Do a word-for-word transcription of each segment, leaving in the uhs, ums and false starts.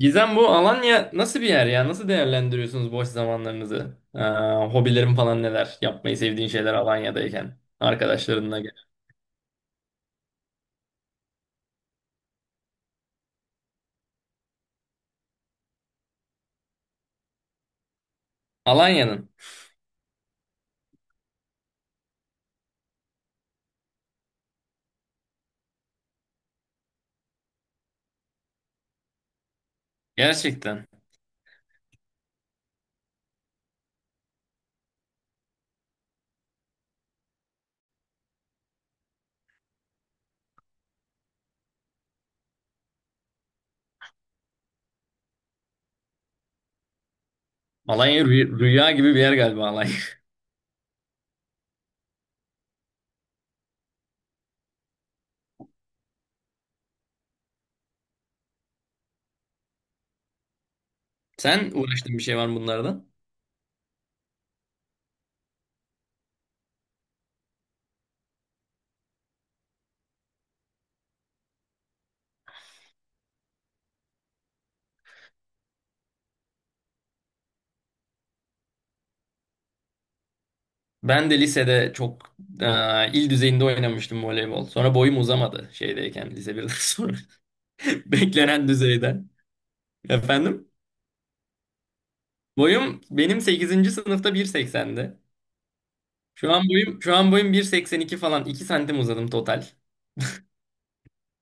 Gizem, bu Alanya nasıl bir yer ya? Nasıl değerlendiriyorsunuz boş zamanlarınızı? Ee, hobilerin falan neler? Yapmayı sevdiğin şeyler Alanya'dayken. Arkadaşlarınla gel. Alanya'nın. Gerçekten. Alanya rü- rüya gibi bir yer galiba Alanya. Sen uğraştığın bir şey var mı bunlardan? Ben de lisede çok e, il düzeyinde oynamıştım voleybol. Sonra boyum uzamadı şeydeyken lise birden sonra. Beklenen düzeyden. Efendim? Boyum benim sekizinci sınıfta bir seksendi. Şu an boyum şu an boyum bir seksen iki falan, iki santim uzadım total.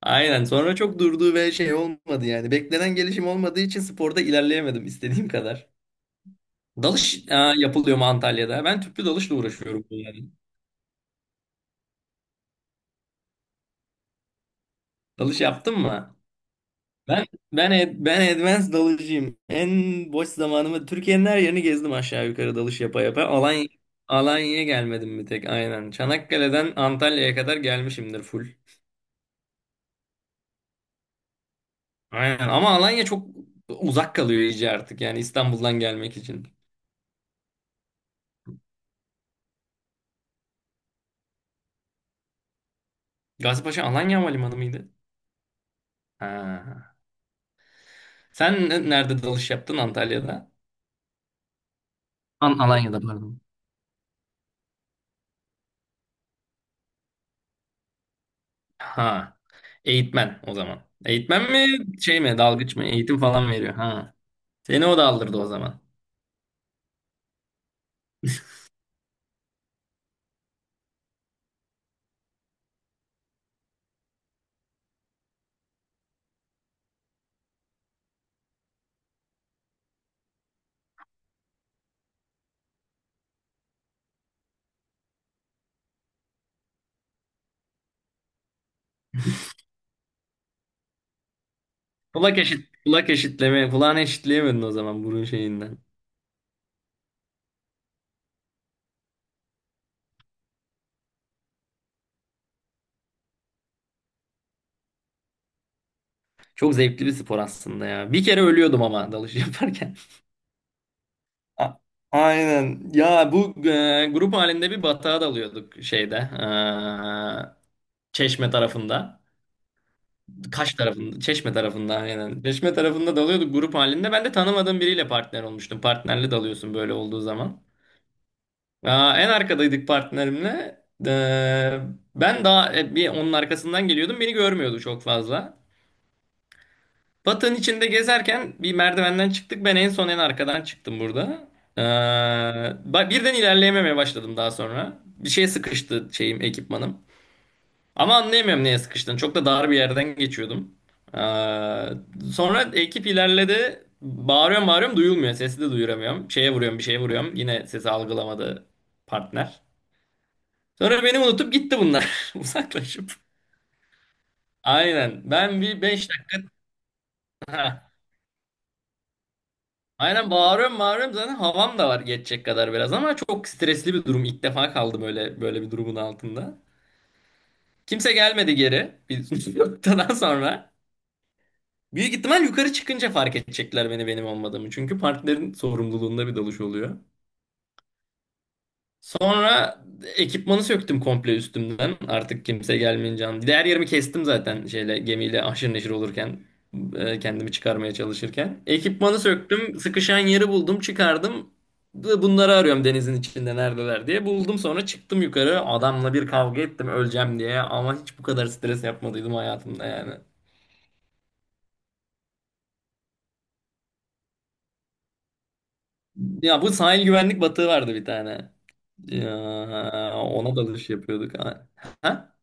Aynen. Sonra çok durduğu ve şey olmadı yani. Beklenen gelişim olmadığı için sporda ilerleyemedim istediğim kadar. Dalış, aa, yapılıyor mu Antalya'da? Ben tüplü dalışla uğraşıyorum yani. Dalış yaptın mı? Ben ben ad- ben advanced dalıcıyım. En boş zamanımı Türkiye'nin her yerini gezdim aşağı yukarı dalış yapa yapa. Alanya Alanya'ya gelmedim bir tek, aynen. Çanakkale'den Antalya'ya kadar gelmişimdir full. Aynen ama Alanya çok uzak kalıyor iyice artık yani İstanbul'dan gelmek için. Gazipaşa Alanya Havalimanı mıydı? Ha. Sen ne- nerede dalış yaptın Antalya'da? An Alanya'da pardon. Ha. Eğitmen o zaman. Eğitmen mi şey mi dalgıç mı, eğitim falan veriyor ha. Seni o da aldırdı o zaman. Kulak eşit, kulak eşitleme, kulağını eşitleyemedin o zaman burun şeyinden. Çok zevkli bir spor aslında ya. Bir kere ölüyordum ama dalış yaparken. A- Aynen. Ya bu e, grup halinde bir batağa dalıyorduk şeyde. e, Çeşme tarafında. Kaş tarafında. Çeşme tarafında aynen. Çeşme tarafında dalıyorduk grup halinde. Ben de tanımadığım biriyle partner olmuştum. Partnerle dalıyorsun böyle olduğu zaman. Aa, en arkadaydık partnerimle. E, Ben daha e, bir onun arkasından geliyordum. Beni görmüyordu çok fazla. Batı'nın içinde gezerken bir merdivenden çıktık. Ben en son en arkadan çıktım burada. Ee, ba- birden ilerleyememeye başladım daha sonra. Bir şeye sıkıştı şeyim, ekipmanım. Ama anlayamıyorum neye sıkıştığını. Çok da dar bir yerden geçiyordum. Ee, sonra ekip ilerledi. Bağırıyorum bağırıyorum, duyulmuyor. Sesi de duyuramıyorum. Şeye vuruyorum, bir şeye vuruyorum. Yine sesi algılamadı partner. Sonra beni unutup gitti bunlar. Uzaklaşıp. Aynen. Ben bir beş dakika... Aynen, bağırıyorum bağırıyorum, zaten havam da var geçecek kadar biraz, ama çok stresli bir durum. İlk defa kaldım öyle böyle bir durumun altında. Kimse gelmedi geri bir noktadan sonra. Büyük ihtimal yukarı çıkınca fark edecekler beni, benim olmadığımı. Çünkü partilerin sorumluluğunda bir dalış oluyor. Sonra ekipmanı söktüm komple üstümden. Artık kimse gelmeyince. an- Diğer yerimi kestim zaten şeyle, gemiyle aşırı neşir olurken e, kendimi çıkarmaya çalışırken. Ekipmanı söktüm, sıkışan yeri buldum, çıkardım. Bu- Bunları arıyorum denizin içinde neredeler diye. Buldum, sonra çıktım yukarı. Adamla bir kavga ettim öleceğim diye, ama hiç bu kadar stres yapmadıydım hayatımda yani. Ya bu sahil güvenlik batığı vardı bir tane. Ya, ona dalış yapıyorduk. Ha? Ha?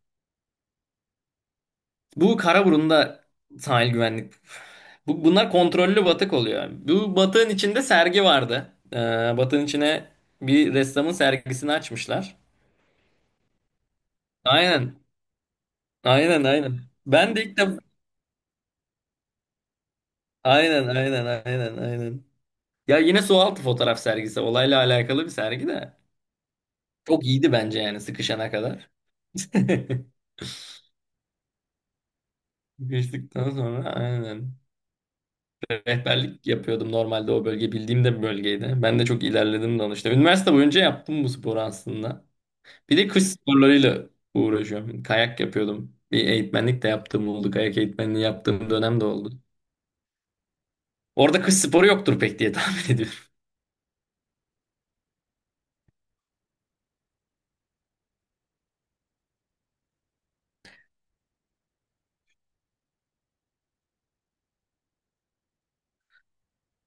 Bu Karaburun'da, sahil güvenlik. Bu, bunlar kontrollü batık oluyor. Bu batığın içinde sergi vardı. Ee, batığın içine bir ressamın sergisini açmışlar. Aynen. Aynen aynen. Ben de ilk defa... Aynen aynen aynen aynen. Ya yine sualtı fotoğraf sergisi. Olayla alakalı bir sergi de. Çok iyiydi bence yani sıkışana kadar. Sıkıştıktan sonra aynen. Rehberlik yapıyordum normalde, o bölge bildiğim de bir bölgeydi. Ben de çok ilerledim danışta. Üniversite boyunca yaptım bu sporu aslında. Bir de kış sporlarıyla uğraşıyorum. Kayak yapıyordum. Bir eğitmenlik de yaptığım oldu. Kayak eğitmenliği yaptığım dönem de oldu. Orada kış sporu yoktur pek diye tahmin ediyorum.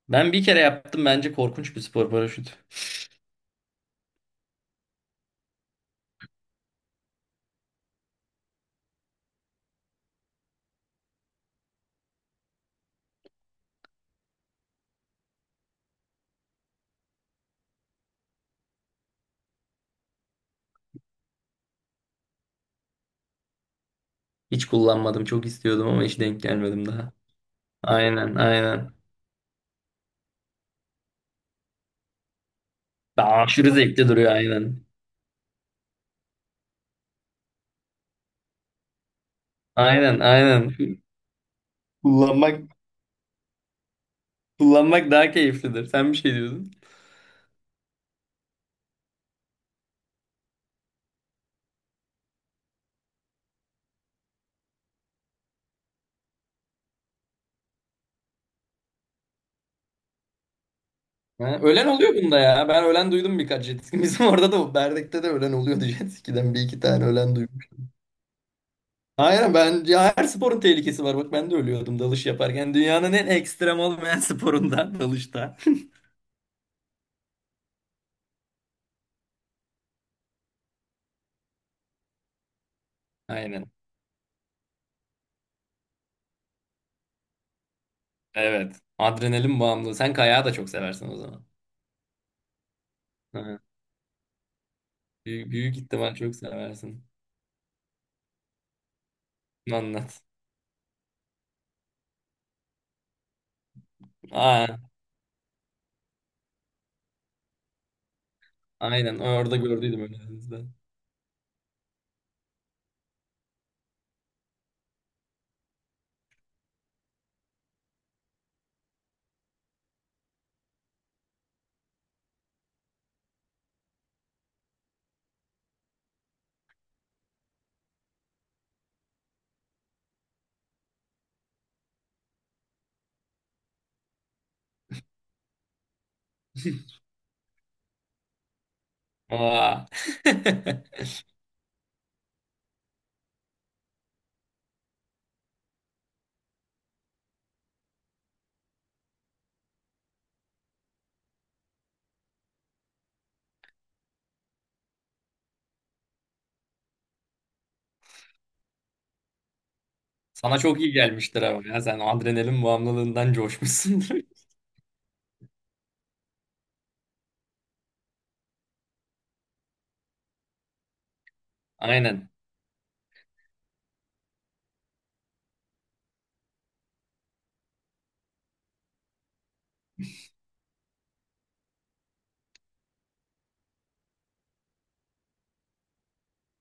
Ben bir kere yaptım, bence korkunç bir spor paraşüt. Hiç kullanmadım, çok istiyordum ama hiç denk gelmedim daha. Aynen aynen. Daha aşırı zevkli duruyor aynen. Aynen aynen. Kullanmak kullanmak daha keyiflidir. Sen bir şey diyordun. Yani ölen oluyor bunda ya. Ben ölen duydum birkaç jet ski. Bizim orada da, Berdek'te de ölen oluyordu jet ski'den. Bir iki tane ölen duymuş. Aynen, ben ya, her sporun tehlikesi var. Bak, ben de ölüyordum dalış yaparken. Dünyanın en ekstrem olmayan sporunda dalışta. Aynen. Evet. Adrenalin bağımlılığı. Sen kayağı da çok seversin o zaman. Hı. Büyük, büyük ihtimal çok seversin. Anlat. Aa, aynen. Orada gördüydüm önünüzden. Aa. Sana çok iyi gelmiştir ama ya. Sen adrenalin bağımlılığından coşmuşsundur. Aynen.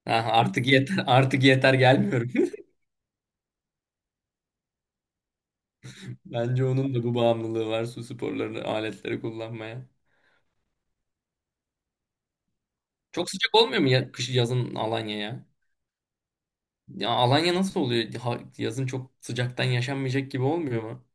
Ha, artık yeter, artık yeter, gelmiyorum. Bence onun da bu bağımlılığı var, su sporlarını, aletleri kullanmaya. Çok sıcak olmuyor mu ya kış yazın Alanya ya? Ya Alanya nasıl oluyor? Ha- yazın çok sıcaktan yaşanmayacak gibi olmuyor mu?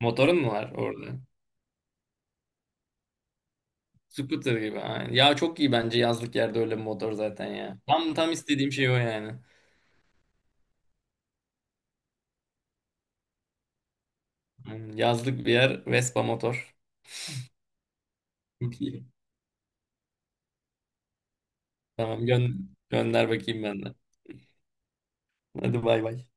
Motorun mu var orada? Scooter gibi aynen. Ya çok iyi bence yazlık yerde öyle bir motor zaten ya. Tam tam istediğim şey o yani. Aynen. Yazlık bir yer Vespa motor. Çok iyi. Tamam gö- gönder bakayım ben de. Hadi bay bay.